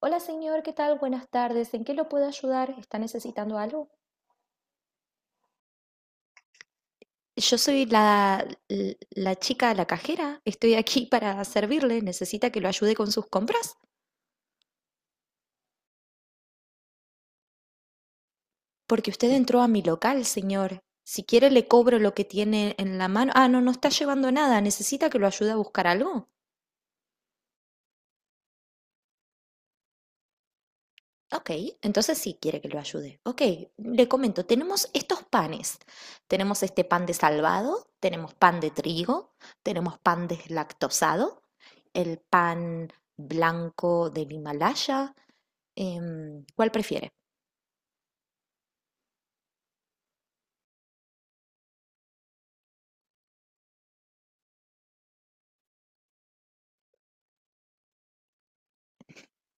Hola señor, ¿qué tal? Buenas tardes. ¿En qué lo puedo ayudar? ¿Está necesitando algo? Yo soy la chica, la cajera. Estoy aquí para servirle. Necesita que lo ayude con sus compras. Porque usted entró a mi local, señor. Si quiere, le cobro lo que tiene en la mano. Ah, no, no está llevando nada. ¿Necesita que lo ayude a buscar algo? Ok, entonces sí quiere que lo ayude. Ok, le comento, tenemos estos panes. Tenemos este pan de salvado, tenemos pan de trigo, tenemos pan deslactosado, el pan blanco del Himalaya. ¿Cuál prefiere?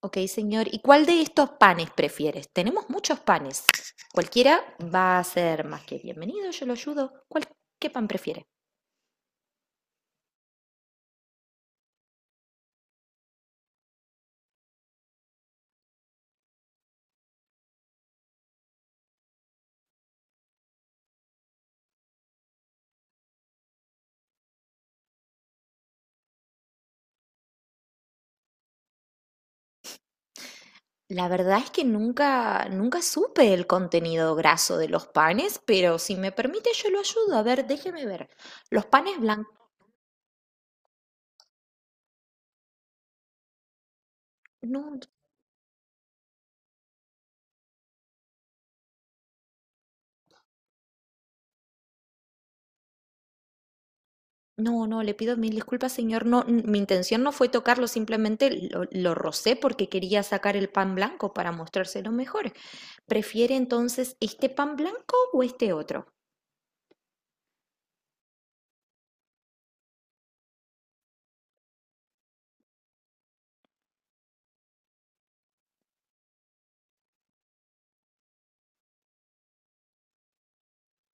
Ok, señor, ¿y cuál de estos panes prefieres? Tenemos muchos panes. Cualquiera va a ser más que bienvenido, yo lo ayudo. ¿Qué pan prefiere? La verdad es que nunca supe el contenido graso de los panes, pero si me permite yo lo ayudo. A ver, déjeme ver. Los panes blancos... No, no, no, le pido mil disculpas, señor. No, mi intención no fue tocarlo, simplemente lo rocé porque quería sacar el pan blanco para mostrárselo mejor. ¿Prefiere entonces este pan blanco o este otro?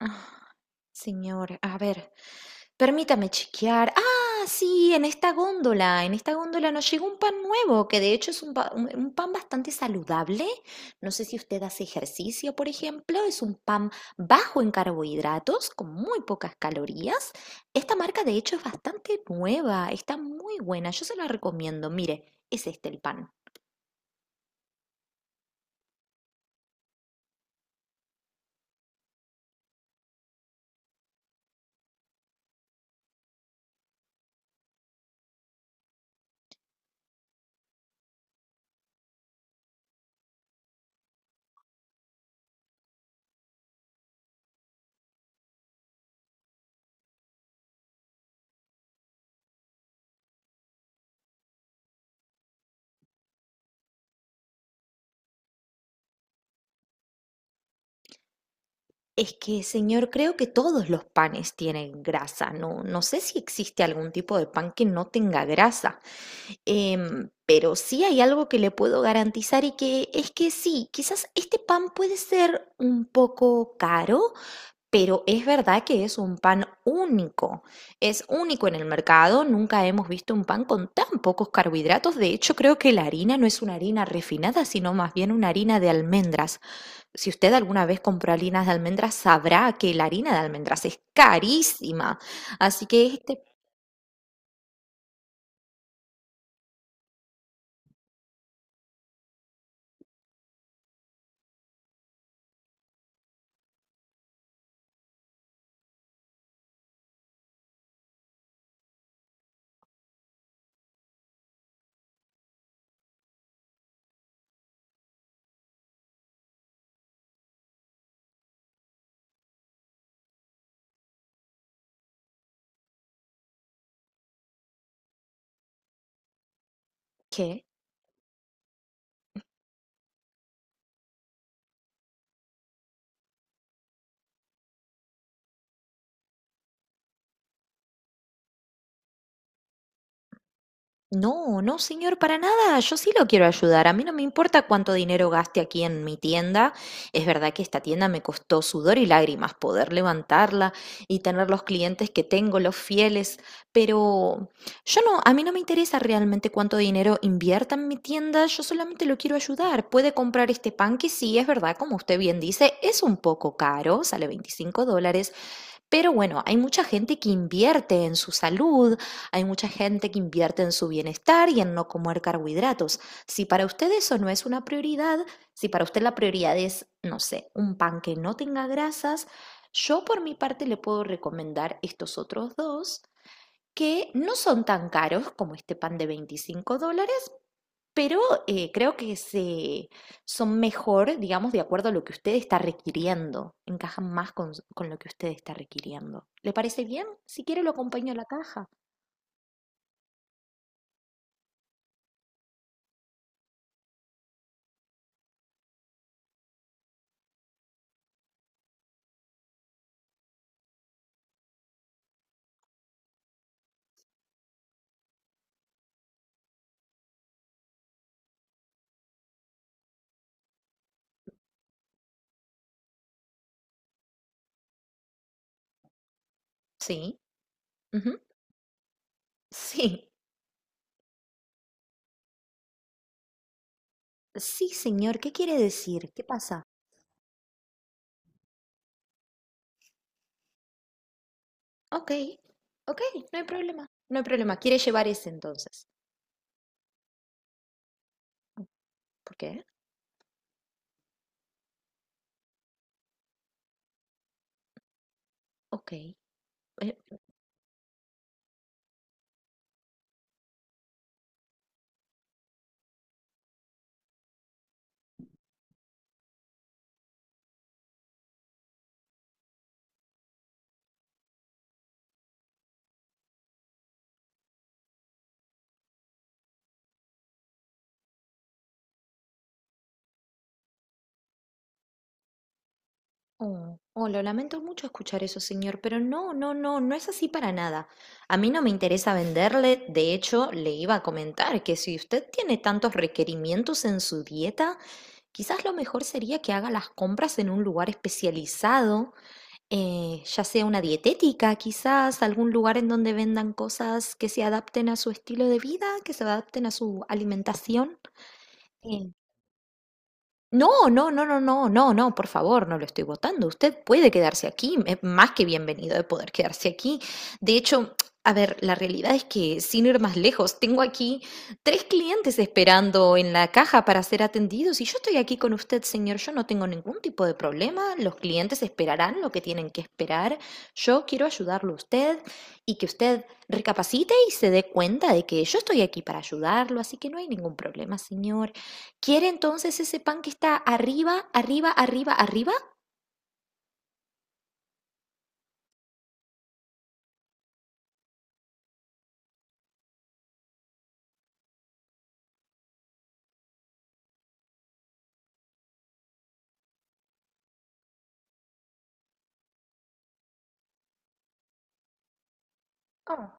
Ah, señor, a ver. Permítame chequear. Ah, sí, en esta góndola nos llegó un pan nuevo, que de hecho es un pan bastante saludable. No sé si usted hace ejercicio, por ejemplo, es un pan bajo en carbohidratos, con muy pocas calorías. Esta marca de hecho es bastante nueva, está muy buena, yo se la recomiendo. Mire, es este el pan. Es que, señor, creo que todos los panes tienen grasa. No, no sé si existe algún tipo de pan que no tenga grasa. Pero sí hay algo que le puedo garantizar y que es que sí, quizás este pan puede ser un poco caro, pero es verdad que es un pan único. Es único en el mercado. Nunca hemos visto un pan con tan pocos carbohidratos. De hecho, creo que la harina no es una harina refinada, sino más bien una harina de almendras. Si usted alguna vez compró harinas de almendras, sabrá que la harina de almendras es carísima. Así que este, ¿qué? No, no, señor, para nada. Yo sí lo quiero ayudar. A mí no me importa cuánto dinero gaste aquí en mi tienda. Es verdad que esta tienda me costó sudor y lágrimas poder levantarla y tener los clientes que tengo, los fieles, pero yo no, a mí no me interesa realmente cuánto dinero invierta en mi tienda. Yo solamente lo quiero ayudar. Puede comprar este pan que sí, es verdad, como usted bien dice, es un poco caro, sale $25, pero bueno, hay mucha gente que invierte en su salud, hay mucha gente que invierte en su bienestar y en no comer carbohidratos. Si para usted eso no es una prioridad, si para usted la prioridad es, no sé, un pan que no tenga grasas, yo por mi parte le puedo recomendar estos otros dos que no son tan caros como este pan de $25, pero creo que son mejor, digamos, de acuerdo a lo que usted está requiriendo. Encajan más con lo que usted está requiriendo. ¿Le parece bien? Si quiere, lo acompaño a la caja. Sí. Ujú. Sí. Sí, señor. ¿Qué quiere decir? ¿Qué pasa? Ok. Ok, no hay problema. No hay problema. ¿Quiere llevar ese entonces? ¿Por qué? Ok. eh, Oh, oh, lo lamento mucho escuchar eso, señor, pero no, no, no, no es así para nada. A mí no me interesa venderle, de hecho, le iba a comentar que si usted tiene tantos requerimientos en su dieta, quizás lo mejor sería que haga las compras en un lugar especializado, ya sea una dietética, quizás algún lugar en donde vendan cosas que se adapten a su estilo de vida, que se adapten a su alimentación. No, no, no, no, no, no, no, por favor, no lo estoy votando. Usted puede quedarse aquí, es más que bienvenido de poder quedarse aquí. De hecho, a ver, la realidad es que, sin ir más lejos, tengo aquí tres clientes esperando en la caja para ser atendidos y yo estoy aquí con usted, señor. Yo no tengo ningún tipo de problema. Los clientes esperarán lo que tienen que esperar. Yo quiero ayudarlo a usted y que usted recapacite y se dé cuenta de que yo estoy aquí para ayudarlo, así que no hay ningún problema, señor. Quiere entonces ese pan que está arriba, arriba, arriba, arriba. Oh.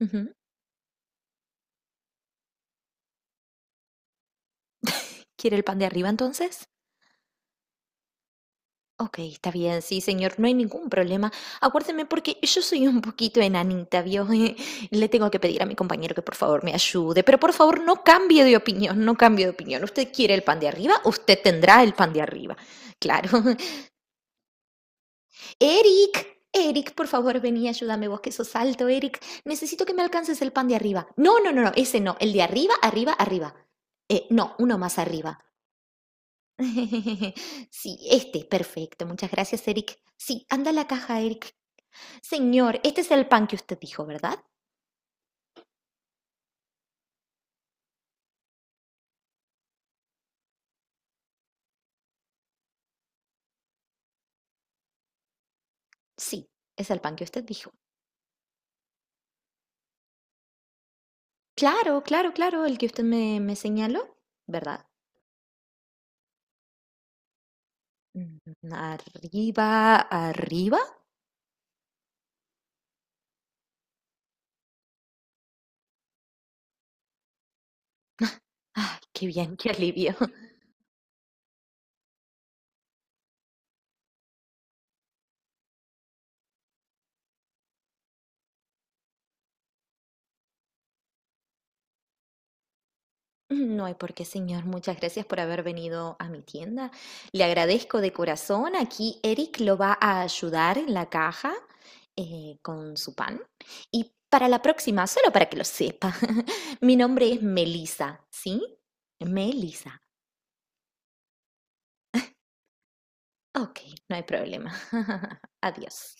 Ujú. ¿Quiere el pan de arriba entonces? Ok, está bien, sí, señor, no hay ningún problema. Acuérdeme porque yo soy un poquito enanita, ¿vio? Le tengo que pedir a mi compañero que por favor me ayude, pero por favor no cambie de opinión, no cambie de opinión. Usted quiere el pan de arriba, usted tendrá el pan de arriba. Claro. Eric, Eric, por favor, vení, ayúdame vos que sos alto, Eric. Necesito que me alcances el pan de arriba. No, no, no, no, ese no, el de arriba, arriba, arriba. No, uno más arriba. Sí, este, perfecto. Muchas gracias, Eric. Sí, anda a la caja, Eric. Señor, este es el pan que usted dijo, ¿verdad? Sí, es el pan que usted dijo. Claro, claro, claro, el que usted me señaló, ¿verdad? Mm. Arriba, arriba. Ay, qué bien, qué alivio. No hay por qué, señor. Muchas gracias por haber venido a mi tienda. Le agradezco de corazón. Aquí Eric lo va a ayudar en la caja con su pan. Y para la próxima, solo para que lo sepa, mi nombre es Melissa, ¿sí? Melissa. Ok, no hay problema. Adiós.